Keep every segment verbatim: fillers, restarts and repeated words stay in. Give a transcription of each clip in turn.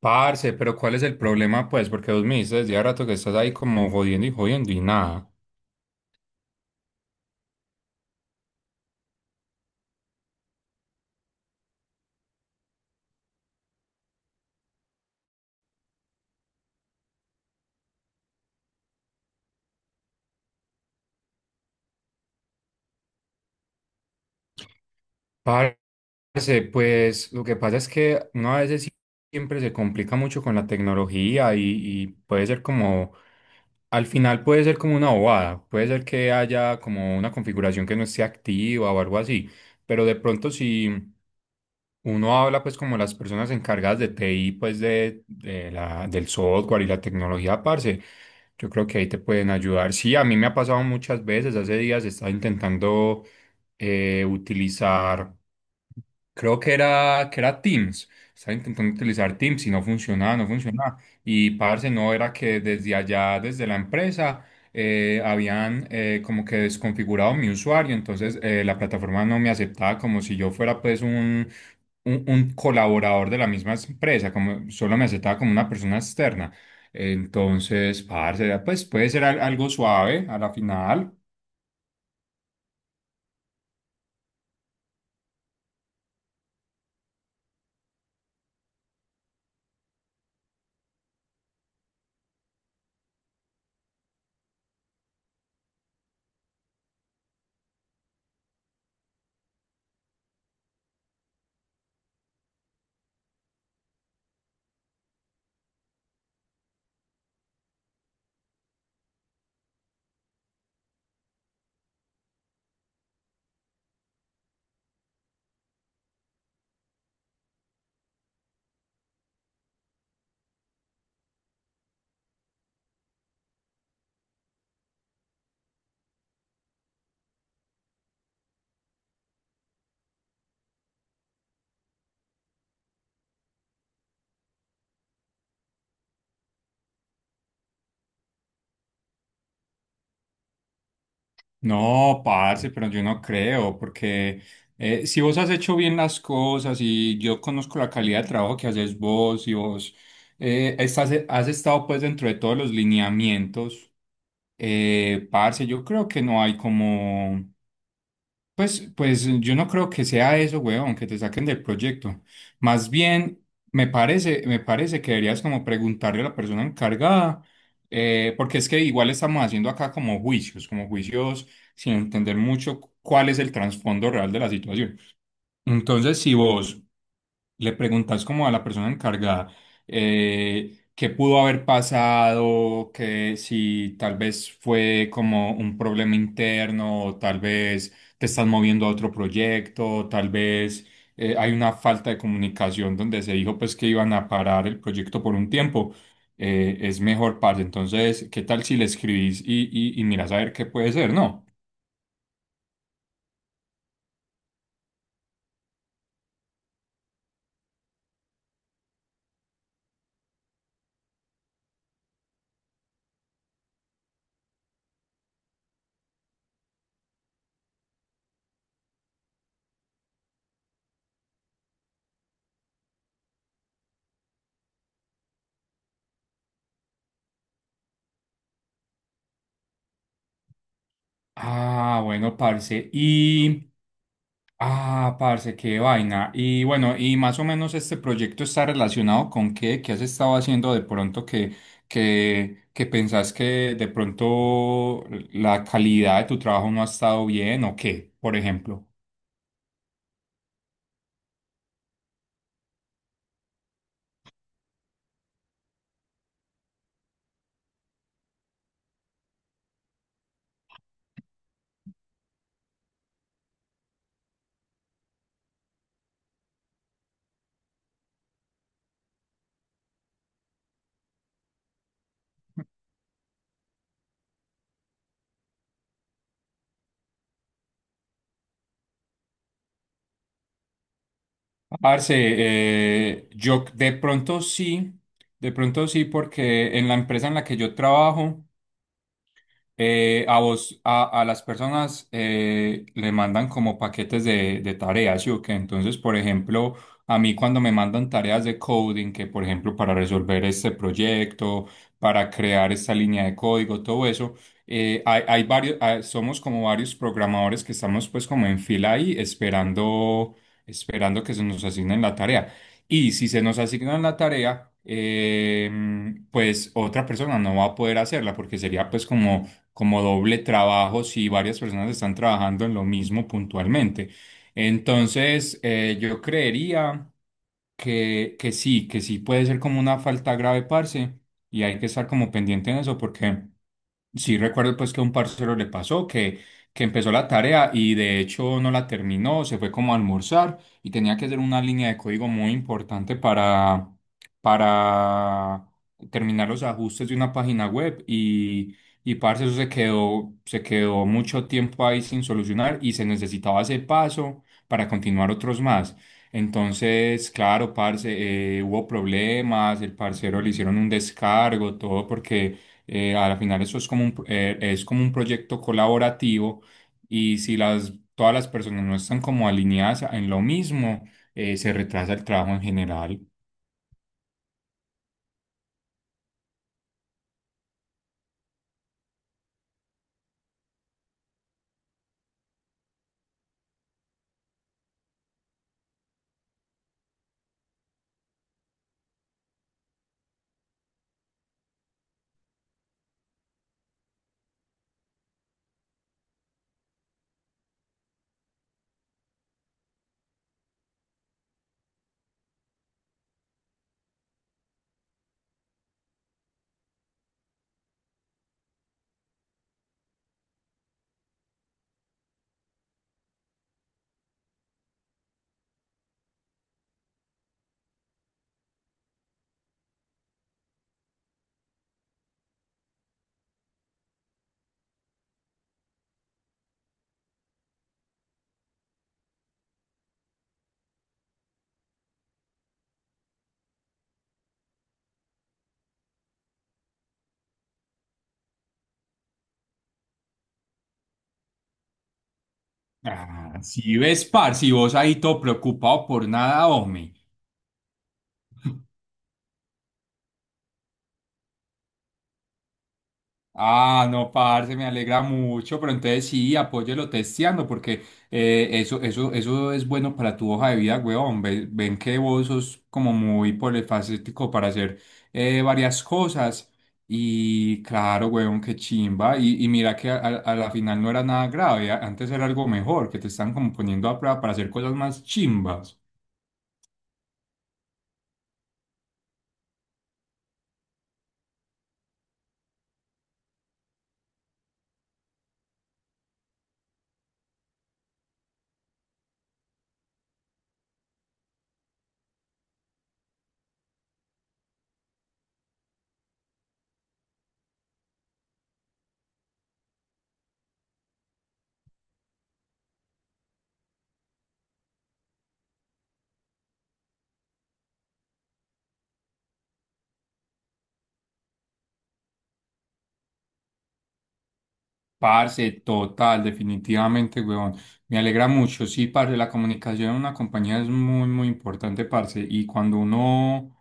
Parce, pero ¿cuál es el problema, pues? Porque vos me dices desde hace rato que estás ahí como jodiendo y jodiendo y nada. Parce, pues lo que pasa es que uno a veces siempre se complica mucho con la tecnología y, y puede ser como, al final puede ser como una bobada, puede ser que haya como una configuración que no esté activa o algo así, pero de pronto si... Uno habla pues como las personas encargadas de T I, pues de, de la, del software y la tecnología, parce. Yo creo que ahí te pueden ayudar. Sí, a mí me ha pasado muchas veces, hace días estaba intentando eh, utilizar. Creo que era, que era Teams. Estaba intentando utilizar Teams y no funcionaba, no funcionaba. Y parce, no era que desde allá, desde la empresa, eh, habían eh, como que desconfigurado mi usuario. Entonces eh, la plataforma no me aceptaba como si yo fuera pues un, un, un colaborador de la misma empresa, como solo me aceptaba como una persona externa. Entonces, parce, pues puede ser al- algo suave a la final. No, parce, pero yo no creo, porque eh, si vos has hecho bien las cosas y yo conozco la calidad de trabajo que haces vos y vos eh, estás, eh, has estado pues dentro de todos los lineamientos, eh, parce, yo creo que no hay como... Pues, pues yo no creo que sea eso, weón, que te saquen del proyecto. Más bien, me parece, me parece que deberías como preguntarle a la persona encargada, eh, porque es que igual estamos haciendo acá como juicios, como juicios sin entender mucho cuál es el trasfondo real de la situación. Entonces, si vos le preguntas como a la persona encargada eh, qué pudo haber pasado, que si tal vez fue como un problema interno, o tal vez te estás moviendo a otro proyecto, o tal vez eh, hay una falta de comunicación donde se dijo pues que iban a parar el proyecto por un tiempo. eh, es mejor, parce. Entonces, ¿qué tal si le escribís y, y, y miras a ver qué puede ser, no? Ah, bueno, parce. Y ah, parce, qué vaina. Y bueno, y más o menos este proyecto está relacionado con qué, qué has estado haciendo de pronto que, que, que pensás que de pronto la calidad de tu trabajo no ha estado bien o qué, por ejemplo. Parce, eh, yo de pronto sí, de pronto sí, porque en la empresa en la que yo trabajo, Eh, a vos, a, a las personas eh, le mandan como paquetes de, de tareas, ¿sí o qué? Entonces, por ejemplo, a mí cuando me mandan tareas de coding, que por ejemplo para resolver este proyecto, para crear esta línea de código, todo eso, eh, hay, hay varios, ah, somos como varios programadores que estamos pues como en fila ahí esperando, esperando que se nos asignen la tarea. Y si se nos asignan la tarea, em, pues otra persona no va a poder hacerla porque sería pues como como doble trabajo si varias personas están trabajando en lo mismo puntualmente. Entonces, eh, yo creería que, que sí, que sí puede ser como una falta grave, parce, y hay que estar como pendiente en eso porque... Sí, recuerdo pues que a un parcero le pasó que, que empezó la tarea y de hecho no la terminó, se fue como a almorzar y tenía que hacer una línea de código muy importante para, para terminar los ajustes de una página web y, y parce, eso se quedó, se quedó mucho tiempo ahí sin solucionar y se necesitaba ese paso para continuar otros más. Entonces, claro, parce, eh, hubo problemas, el parcero le hicieron un descargo, todo porque eh, a la final eso es como un, pro- eh, es como un proyecto colaborativo y si las, todas las personas no están como alineadas en lo mismo, eh, se retrasa el trabajo en general. Ah, si ves, par, si vos ahí todo preocupado por nada, hombre. Ah, no, parce, me alegra mucho, pero entonces sí, apóyelo testeando, porque eh, eso, eso, eso es bueno para tu hoja de vida, weón. Ve- Ven, que vos sos como muy polifacético para hacer eh, varias cosas. Y claro, weón, qué chimba. Y, y mira que a, a a la final no era nada grave, a- antes era algo mejor, que te están como poniendo a prueba para hacer cosas más chimbas. Parce, total, definitivamente, weón. Me alegra mucho. Sí, parce, la comunicación en una compañía es muy, muy importante, parce. Y cuando uno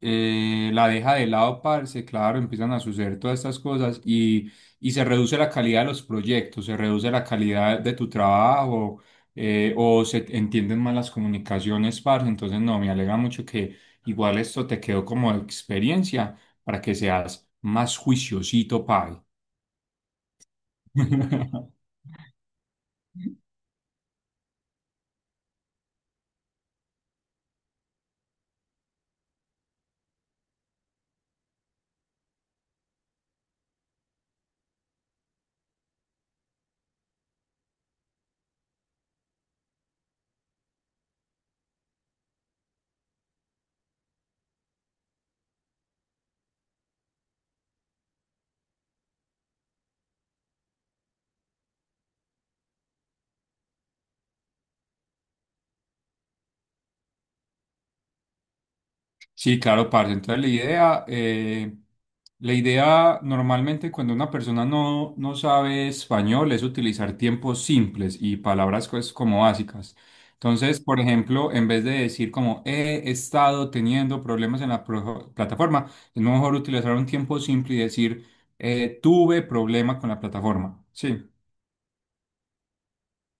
eh, la deja de lado, parce, claro, empiezan a suceder todas estas cosas y, y se reduce la calidad de los proyectos, se reduce la calidad de tu trabajo eh, o se entienden mal las comunicaciones, parce. Entonces, no, me alegra mucho que igual esto te quedó como experiencia para que seas más juiciosito, pai. Sí, claro, parce. Entonces la idea, eh, la idea normalmente cuando una persona no, no sabe español es utilizar tiempos simples y palabras pues como básicas. Entonces, por ejemplo, en vez de decir como he estado teniendo problemas en la pro- plataforma, es mejor utilizar un tiempo simple y decir eh, tuve problema con la plataforma. Sí,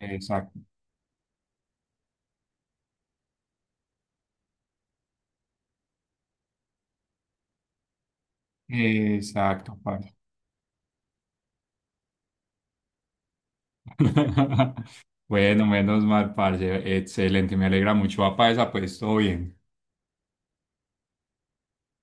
exacto. Exacto, parce. Bueno, menos mal, parce. Excelente, me alegra mucho. Va para esa, pues todo bien.